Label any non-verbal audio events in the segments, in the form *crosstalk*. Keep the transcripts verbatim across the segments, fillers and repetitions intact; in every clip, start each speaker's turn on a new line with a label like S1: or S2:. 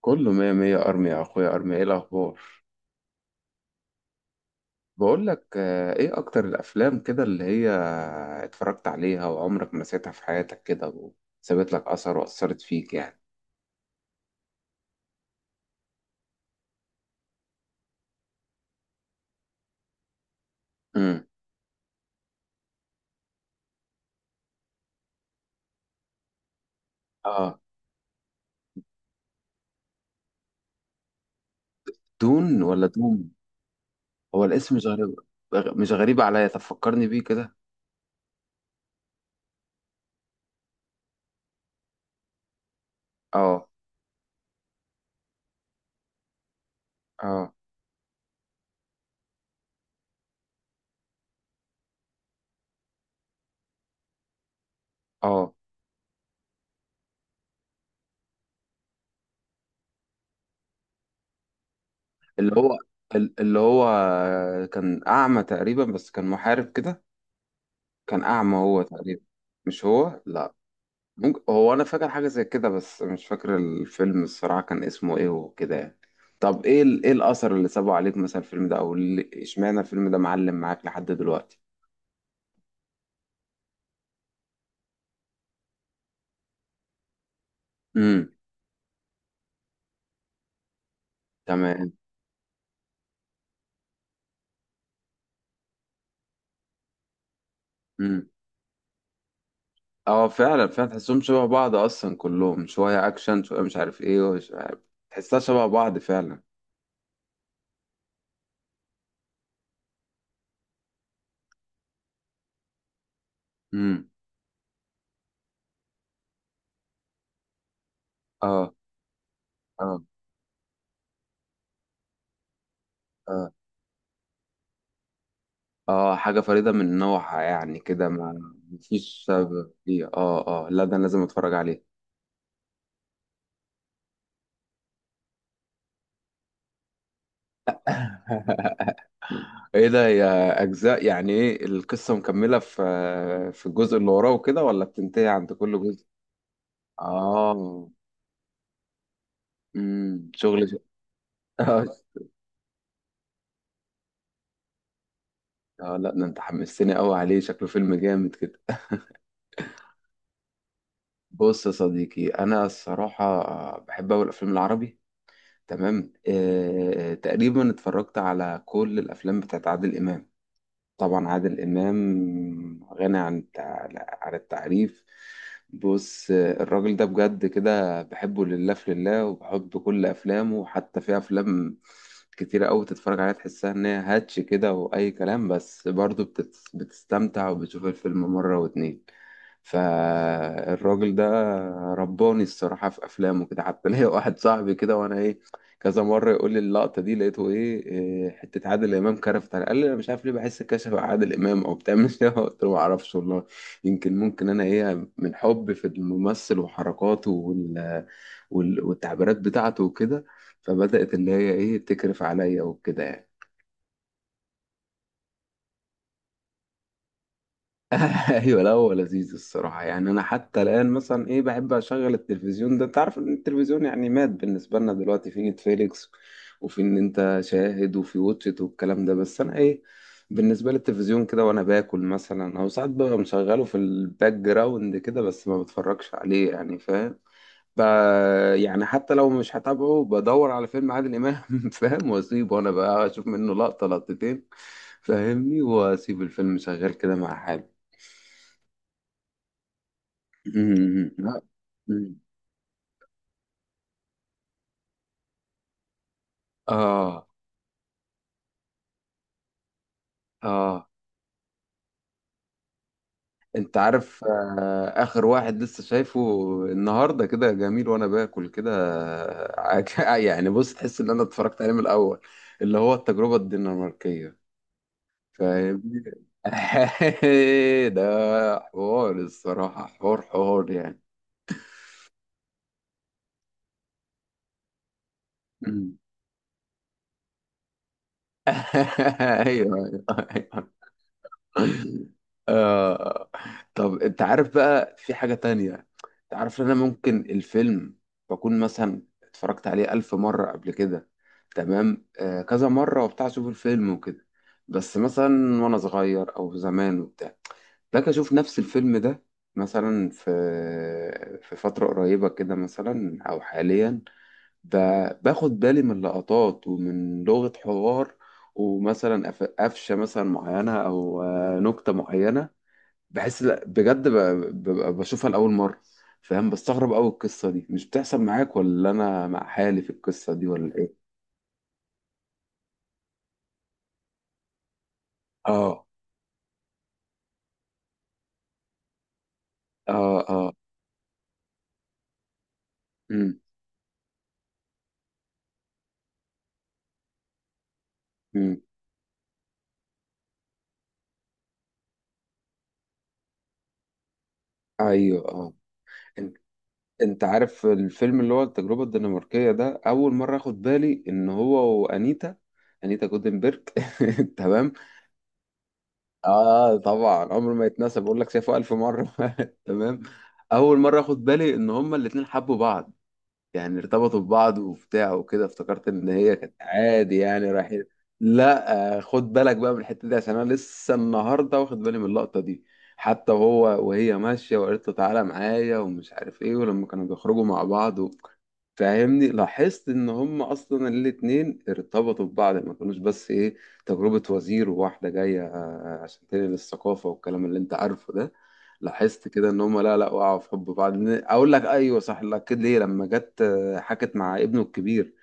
S1: كله مية مية. أرمي يا أخويا، أرمي. إيه الأخبار؟ بقول لك آه، إيه أكتر الأفلام كده اللي هي اتفرجت عليها وعمرك ما نسيتها في حياتك كده وسابت لك أثر وأثرت فيك يعني؟ امم آه، دون ولا دوم؟ هو الاسم مش غريب، مش غريب عليا. طب فكرني بيه كده. آه. آه آه. اللي هو ال- اللي هو كان أعمى تقريبا بس كان محارب كده. كان أعمى هو تقريبا. مش هو؟ لا. ممكن هو، انا فاكر حاجه زي كده بس مش فاكر الفيلم الصراحه كان اسمه ايه وكده يعني. طب ايه ال... ايه الاثر اللي سابه عليك مثلا الفيلم ده، او اللي- اشمعنى الفيلم ده معلم معاك لحد دلوقتي؟ امم تمام. امم اه فعلا فعلا، تحسهم شبه بعض اصلا، كلهم شويه اكشن شويه مش عارف ايه ومش عارف. تحسها شبه بعض فعلا. امم اه. اه اه. اه حاجه فريده من نوعها يعني كده، ما مفيش شبه فيه. اه اه، لا ده أنا لازم اتفرج عليه. *laughs* ايه ده، هي اجزاء يعني؟ ايه، القصة مكملة في في الجزء اللي وراه وكده ولا بتنتهي عند كل جزء؟ اه. امم شغل ش- *laughs* اه لا، ده انت حمستني قوي عليه، شكله فيلم جامد كده. بص يا صديقي، انا الصراحة بحب اوي الافلام العربي. تمام. آه تقريبا اتفرجت على كل الافلام بتاعت عادل امام. طبعا عادل إمام غني عن التع- عن التعريف. بص الراجل ده بجد كده بحبه لله في لله، وبحب كل أفلامه. حتى في أفلام كتيرة أوي تتفرج عليها تحسها إن هي هاتش كده وأي كلام، بس برضه بتت- بتستمتع وبتشوف الفيلم مرة واتنين. فالراجل ده رباني الصراحة في أفلامه كده. حتى ليا واحد صاحبي كده، وأنا إيه كذا مره يقول لي اللقطه دي لقيته ايه إيه، حته عادل امام كرفت على. قال لي انا مش عارف ليه بحس كشف على عادل امام او بتعمل ايه. *laughs* قلت له ما اعرفش والله، يمكن ممكن انا ايه من حب في الممثل وحركاته وال... وال... والتعبيرات بتاعته وكده، فبدات اللي هي ايه تكرف عليا وكده يعني. *laughs* ايوه، لا هو لذيذ الصراحه يعني. انا حتى الان مثلا ايه بحب اشغل التلفزيون ده. انت عارف ان التلفزيون يعني مات بالنسبه لنا دلوقتي، في نتفليكس وفي ان انت شاهد وفي واتشت والكلام ده، بس انا ايه بالنسبه للتلفزيون كده وانا باكل مثلا، او ساعات ببقى مشغله في الباك جراوند كده بس ما بتفرجش عليه يعني، فاهم؟ ب- يعني حتى لو مش هتابعه بدور على فيلم عادل امام. *laughs* فاهم، واسيبه وانا بقى اشوف منه لقطه لقطتين، فاهمني، واسيب الفيلم شغال كده مع حالي. مم. لا. مم. اه. اه، انت عارف آه اخر واحد لسه شايفه النهارده كده جميل وانا باكل كده؟ آه، *laughs* يعني بص، تحس ان انا اتفرجت عليه من الاول، اللي هو التجربه الدنماركيه، فاهمني. *laughs* ده حوار الصراحه، حوار حوار يعني. مم. *laughs* ايوه. أيوة. آه. طب انت عارف بقى، في حاجة تانية، انت عارف ان انا ممكن الفيلم بكون مثلا اتفرجت عليه ألف مرة قبل كده. تمام؟ آه كذا مرة وبتاع، اشوف الفيلم وكده، بس مثلا وانا صغير او زمان وبتاع، لك اشوف نفس الفيلم ده مثلا في في فترة قريبة كده مثلا او حاليا، فباخد بالي من لقطات ومن لغة حوار ومثلا قف- قفشة مثلا معينة أو آه، نكتة معينة، بحس لا بجد ب- ببقى بشوفها لأول مرة، فاهم؟ بستغرب أوي، القصة دي مش بتحصل معاك، ولا أنا مع حالي في القصة دي، ولا إيه؟ آه آه. آه. أمم. أمم. أيوه آه. إن- أنت عارف الفيلم اللي هو التجربة الدنماركية ده، أول مرة أخد بالي إن هو وأنيتا، أنيتا جودنبرج. *laughs* تمام. اه طبعا، عمره ما يتنسى، بقول لك شافه الف مره. *laughs* تمام. اول مره اخد بالي ان هما الاتنين حبوا بعض، يعني ارتبطوا ببعض وبتاع وكده. افتكرت ان هي كانت عادي يعني رايحين. لا آه، خد بالك بقى من الحته دي، عشان انا لسه النهارده واخد بالي من اللقطه دي. حتى وهو وهي ماشيه وقالت له تعالى معايا ومش عارف ايه، ولما كانوا بيخرجوا مع بعض و... فاهمني، لاحظت ان هم اصلا الاتنين ارتبطوا ببعض، ما كانوش بس ايه تجربه وزير وواحده جايه آه، عشان تنقل الثقافه والكلام اللي انت عارفه ده. لاحظت كده ان هم، لا لا وقعوا في حب بعض، اقول لك ايوه صح، لا اكيد ليه، لما جت حكت مع ابنه الكبير،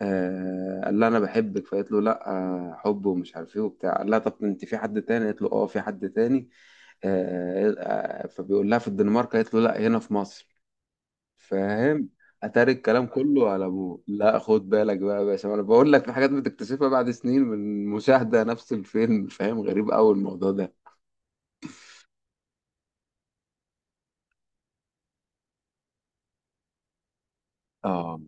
S1: آه قال لها انا بحبك، فقالت له لا آه حب ومش عارف ايه وبتاع. قال لها طب انت في حد تاني؟ قالت له اه في حد تاني. آه آه، فبيقول لها في الدنمارك؟ قالت له لا هنا في مصر، فاهم؟ اتاري الكلام كله على ابوه. لا خد بالك بقى يا باشا، ما انا بقول لك في حاجات بتكتشفها بعد سنين من مشاهدة نفس الفيلم، فاهم؟ غريب قوي الموضوع ده. اه.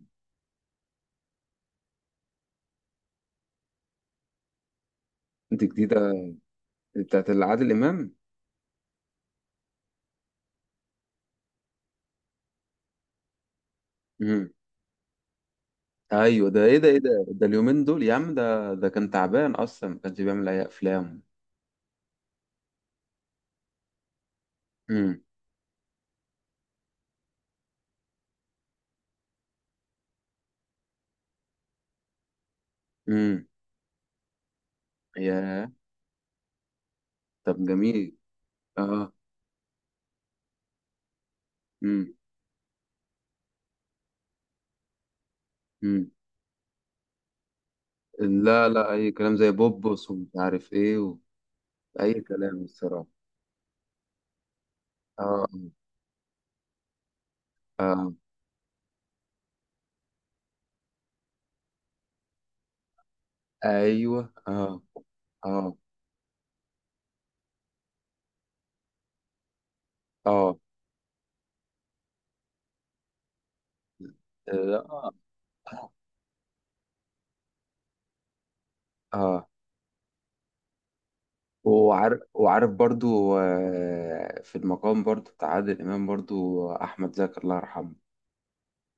S1: انت، جديدة بتاعت عادل امام؟ ايوه، ده ايه ده، ايه ده ده اليومين دول يا عم، ده ده كان تعبان اصلا ما كانش بيعمل اي افلام. امم. امم. يا. طب جميل. اه. امم. امم. لا لا اي كلام، زي بوبوس ومش عارف ايه و... اي كلام الصراحه. اه. اه. ايوه اه اه. اه اه. اه. وعارف، وعارف برضو آه، في المقام برضو بتاع عادل امام برضو، احمد زكي الله يرحمه.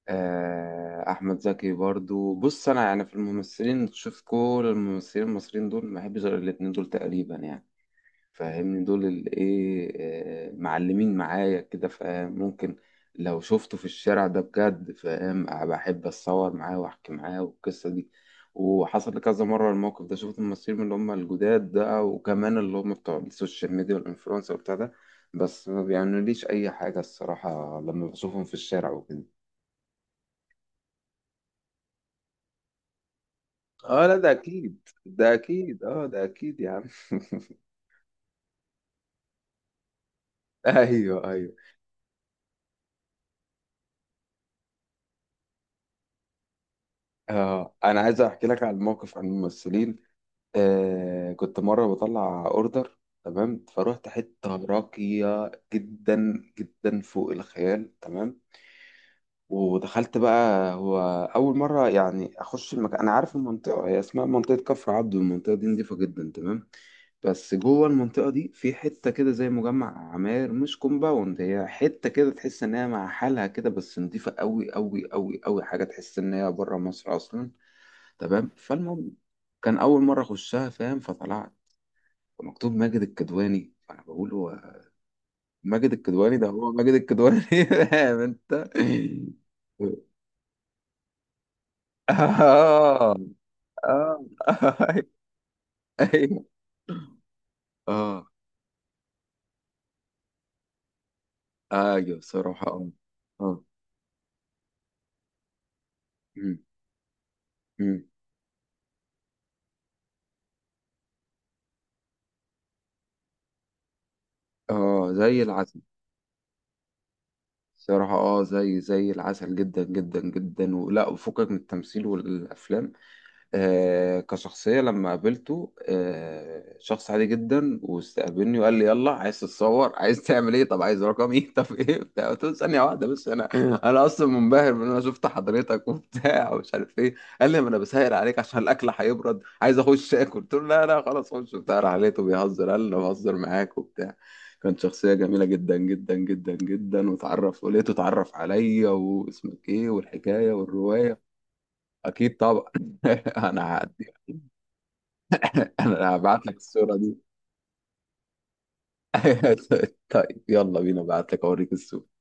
S1: آه، احمد زكي برضو. بص انا يعني، في الممثلين شوف، كل الممثلين المصريين دول ما بحبش غير الاتنين دول تقريبا يعني، فاهمني، دول اللي ايه آه، معلمين معايا كده، فاهم؟ ممكن لو شفته في الشارع ده بجد، فاهم، أه بحب اتصور معاه واحكي معاه والقصه دي. وحصل لي كذا مره الموقف ده، شفت ممثلين من اللي هم الجداد ده، وكمان اللي هم بتوع السوشيال ميديا والانفلونسر وبتاع ده، بس ما بيعملوليش اي حاجه الصراحه لما بشوفهم في الشارع وكده. اه لا ده اكيد، ده اكيد، اه ده اكيد يا عم. *laughs* ايوه ايوه. اه انا عايز احكي لك عن موقف، عن الممثلين. آه كنت مره بطلع اوردر، تمام، فروحت حته راقيه جدا جدا فوق الخيال تمام. ودخلت بقى، هو أول مرة يعني أخش المكان. أنا عارف المنطقة، هي اسمها منطقة كفر عبده، المنطقة دي نضيفة جدا تمام، بس جوه المنطقة دي في حتة كده زي مجمع عماير، مش كومباوند، هي حتة كده تحس إن هي مع حالها كده، بس نضيفة أوي أوي أوي أوي حاجة، تحس إن هي بره مصر أصلا تمام. فالمهم كان أول مرة أخشها، فاهم؟ فطلعت مكتوب ماجد الكدواني، فأنا بقول هو ماجد الكدواني ده؟ هو ماجد الكدواني. *laughs* فاهم أنت؟ اه. اه. *laughs* ايوه. اه. ايوه صراحة اه. اه. مم. مم. اه زي العسل. صراحة اه، زي زي العسل جدا جدا جدا، ولا وفكك من التمثيل والافلام. آه، كشخصية لما قابلته، آه، شخص عادي جدا، واستقبلني وقال لي يلا عايز تتصور، عايز تعمل ايه، طب عايز رقمي. *laughs* طب ايه بتاع، قلت له ثانية واحدة بس، انا انا اصلا منبهر من إن انا شفت حضرتك وبتاع. *laughs* ومش عارف ايه. قال لي ما انا بسهر عليك عشان الاكل هيبرد، عايز اخش اكل. قلت له لا لا خلاص، خش بتاع. راح لقيته بيهزر، قال لي انا بهزر معاك وبتاع. كانت شخصية جميلة جدا جدا جدا جدا، وتعرف، ولقيته اتعرف عليا واسمك ايه والحكاية والرواية. اكيد طبعا. *laughs* انا هعدي. *laughs* انا هبعت لك الصورة دي. *laughs* طيب يلا بينا، ابعت لك اوريك الصورة.